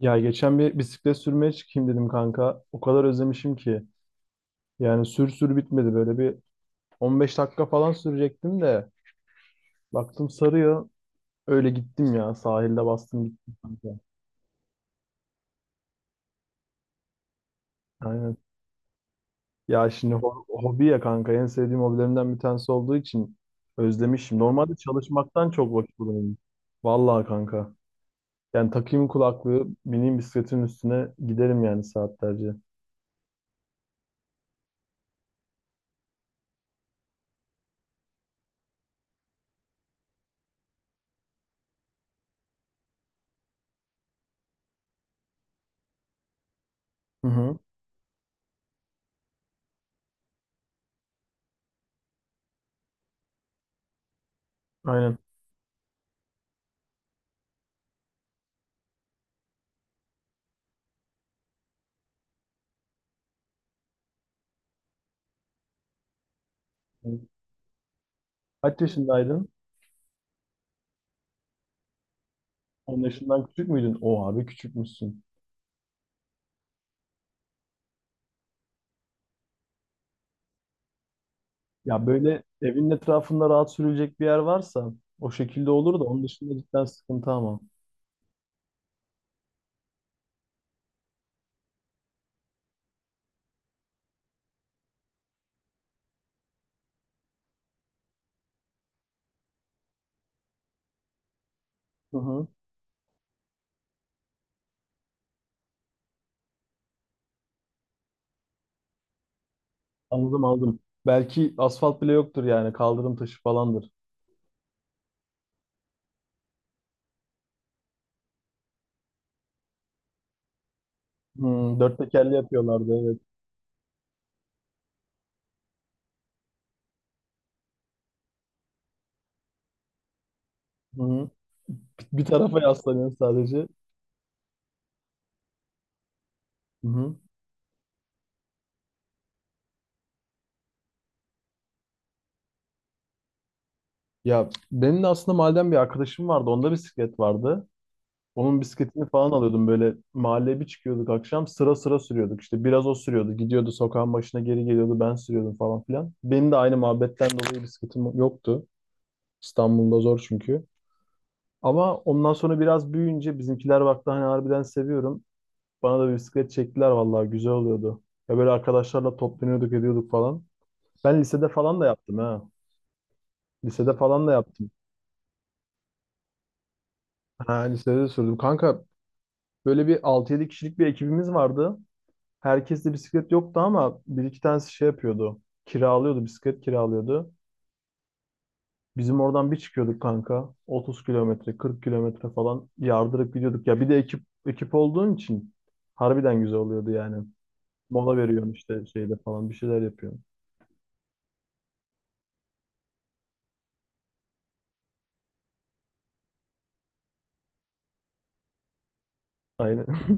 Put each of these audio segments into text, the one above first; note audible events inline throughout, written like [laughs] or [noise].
Ya geçen bir bisiklet sürmeye çıkayım dedim kanka. O kadar özlemişim ki. Yani sür bitmedi. Böyle bir 15 dakika falan sürecektim de. Baktım sarıyor. Öyle gittim ya. Sahilde bastım gittim kanka. Aynen. Ya şimdi hobi ya kanka. En sevdiğim hobilerimden bir tanesi olduğu için özlemişim. Normalde çalışmaktan çok vakit bulurum. Vallahi kanka. Yani takayım kulaklığı, bineyim bisikletin üstüne giderim yani saatlerce. Hı hı. Aynen. Kaç yaşındaydın? 10 yaşından küçük müydün? O abi küçükmüşsün. Ya böyle evin etrafında rahat sürülecek bir yer varsa o şekilde olur da onun dışında cidden sıkıntı ama. Hı hı. Anladım aldım. Belki asfalt bile yoktur yani kaldırım taşı falandır. Hmm, dört tekerli yapıyorlardı, evet. Hı hı. Bir tarafa yaslanıyorsun sadece. Hı hı. Ya benim de aslında mahalleden bir arkadaşım vardı. Onda bisiklet vardı. Onun bisketini falan alıyordum, böyle mahalleye bir çıkıyorduk akşam, sıra sıra sürüyorduk. İşte biraz o sürüyordu, gidiyordu sokağın başına, geri geliyordu, ben sürüyordum falan filan. Benim de aynı muhabbetten dolayı bisikletim yoktu. İstanbul'da zor çünkü. Ama ondan sonra biraz büyüyünce bizimkiler baktı hani harbiden seviyorum. Bana da bir bisiklet çektiler, vallahi güzel oluyordu. Ya böyle arkadaşlarla toplanıyorduk, ediyorduk falan. Ben lisede falan da yaptım ha. Lisede falan da yaptım. Ha, lisede de sürdüm. Kanka böyle bir altı yedi kişilik bir ekibimiz vardı. Herkeste bisiklet yoktu ama bir iki tanesi şey yapıyordu. Kiralıyordu, bisiklet kiralıyordu. Bizim oradan bir çıkıyorduk kanka. 30 kilometre, 40 kilometre falan yardırıp gidiyorduk. Ya bir de ekip olduğun için harbiden güzel oluyordu yani. Mola veriyorsun işte şeyde falan, bir şeyler yapıyorsun. Aynen.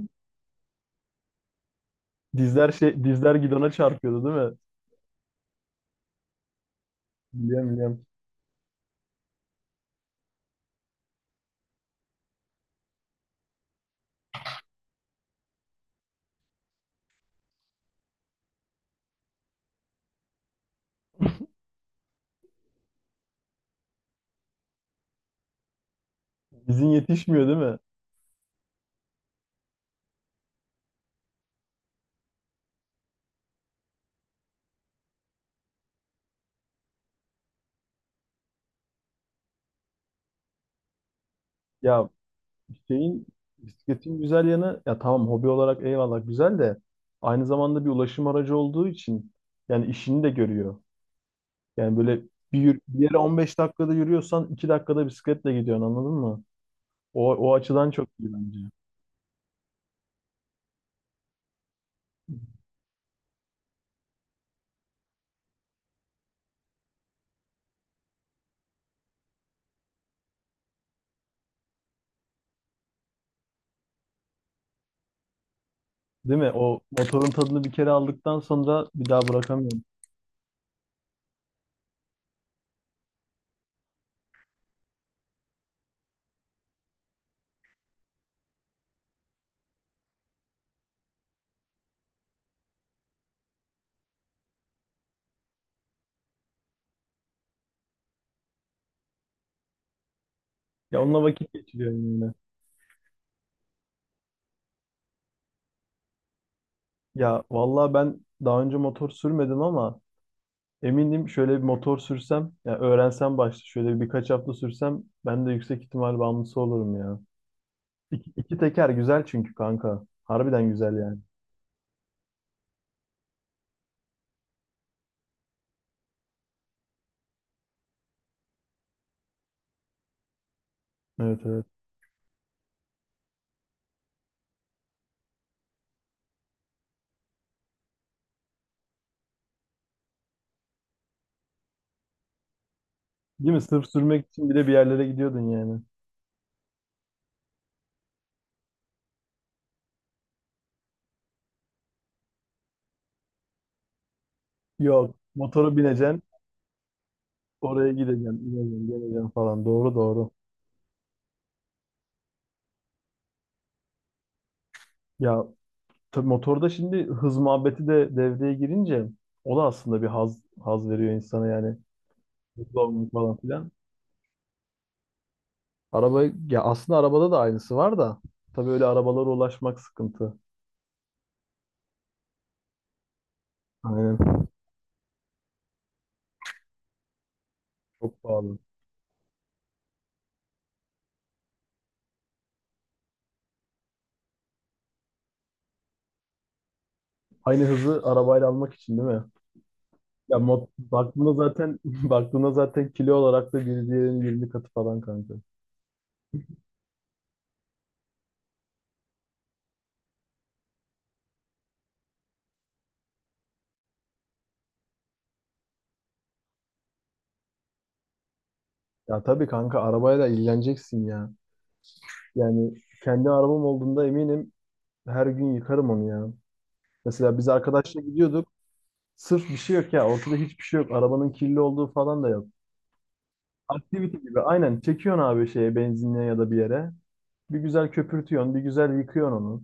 [laughs] Dizler şey, dizler gidona çarpıyordu değil mi? Biliyorum biliyorum. Dizin yetişmiyor değil mi? Ya şeyin, bisikletin güzel yanı, ya tamam hobi olarak eyvallah güzel de aynı zamanda bir ulaşım aracı olduğu için yani işini de görüyor. Yani böyle bir yere 15 dakikada yürüyorsan 2 dakikada bisikletle gidiyorsun, anladın mı? O açıdan çok iyi bence. Değil mi? O motorun tadını bir kere aldıktan sonra bir daha bırakamıyorum. Ya onunla vakit geçiriyorum yine. Ya vallahi ben daha önce motor sürmedim ama eminim şöyle bir motor sürsem, ya öğrensem başta şöyle birkaç hafta sürsem, ben de yüksek ihtimal bağımlısı olurum ya. İki teker güzel çünkü kanka. Harbiden güzel yani. Evet evet. Değil mi? Sırf sürmek için bile bir yerlere gidiyordun yani. Yok. Motora bineceksin. Oraya gideceksin, ineceksin, geleceksin falan. Doğru doğru. Ya tabii motorda şimdi hız muhabbeti de devreye girince o da aslında bir haz veriyor insana yani. Hızlı olmak falan filan. Araba, ya aslında arabada da aynısı var da tabii öyle arabalara ulaşmak sıkıntı. Aynen. Çok pahalı. Aynı hızı arabayla almak için değil mi? Ya mod, baktığında zaten [laughs] baktığında zaten kilo olarak da bir diğerinin 20 katı falan kanka. Ya tabii kanka arabayla ilgileneceksin ya. Yani kendi arabam olduğunda eminim her gün yıkarım onu ya. Mesela biz arkadaşla gidiyorduk. Sırf bir şey yok ya. Ortada hiçbir şey yok. Arabanın kirli olduğu falan da yok. Aktivite gibi. Aynen. Çekiyorsun abi şeye, benzinliğe ya da bir yere. Bir güzel köpürtüyorsun, bir güzel yıkıyorsun onu.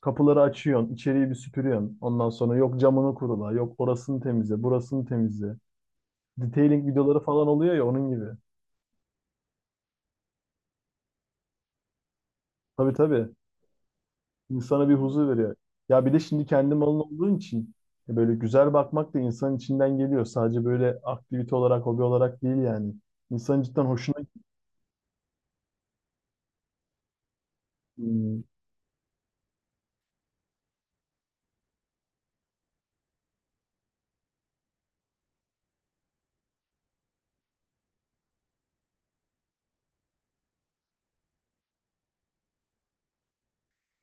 Kapıları açıyorsun, içeriği bir süpürüyorsun. Ondan sonra yok camını kurula, yok orasını temizle, burasını temizle. Detailing videoları falan oluyor ya, onun gibi. Tabii tabii. İnsana bir huzur veriyor. Ya bir de şimdi kendi malın olduğun için böyle güzel bakmak da insanın içinden geliyor. Sadece böyle aktivite olarak, hobi olarak değil yani. İnsanın cidden hoşuna gidiyor.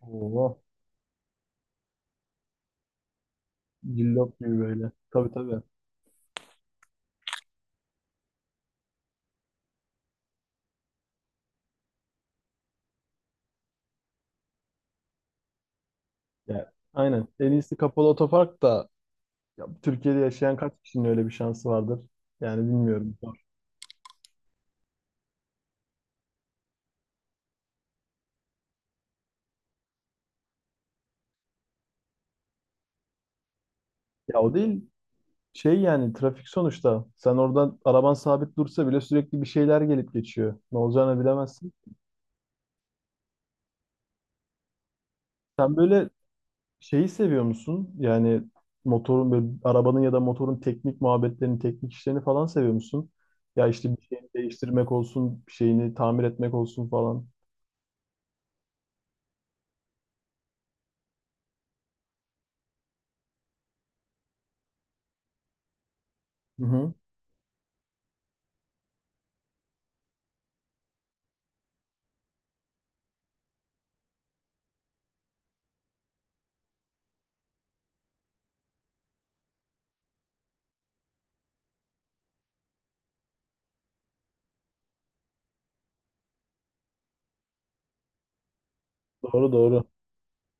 Oo, cillop gibi böyle. Tabii tabii. Yani aynen. En iyisi kapalı otopark da. Ya, Türkiye'de yaşayan kaç kişinin öyle bir şansı vardır? Yani bilmiyorum. Zor. Ya o değil. Şey, yani trafik sonuçta. Sen oradan araban sabit dursa bile sürekli bir şeyler gelip geçiyor. Ne olacağını bilemezsin. Sen böyle şeyi seviyor musun? Yani motorun böyle, arabanın ya da motorun teknik muhabbetlerini, teknik işlerini falan seviyor musun? Ya işte bir şeyini değiştirmek olsun, bir şeyini tamir etmek olsun falan. Hı hı. Doğru doğru.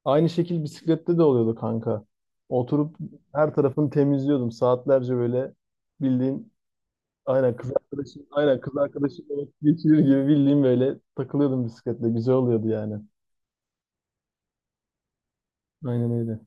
Aynı şekil bisiklette de oluyordu kanka. Oturup her tarafını temizliyordum. Saatlerce böyle bildiğin, aynen kız arkadaşımla vakit geçirir gibi bildiğin böyle takılıyordum bisikletle. Güzel oluyordu yani. Aynen öyle.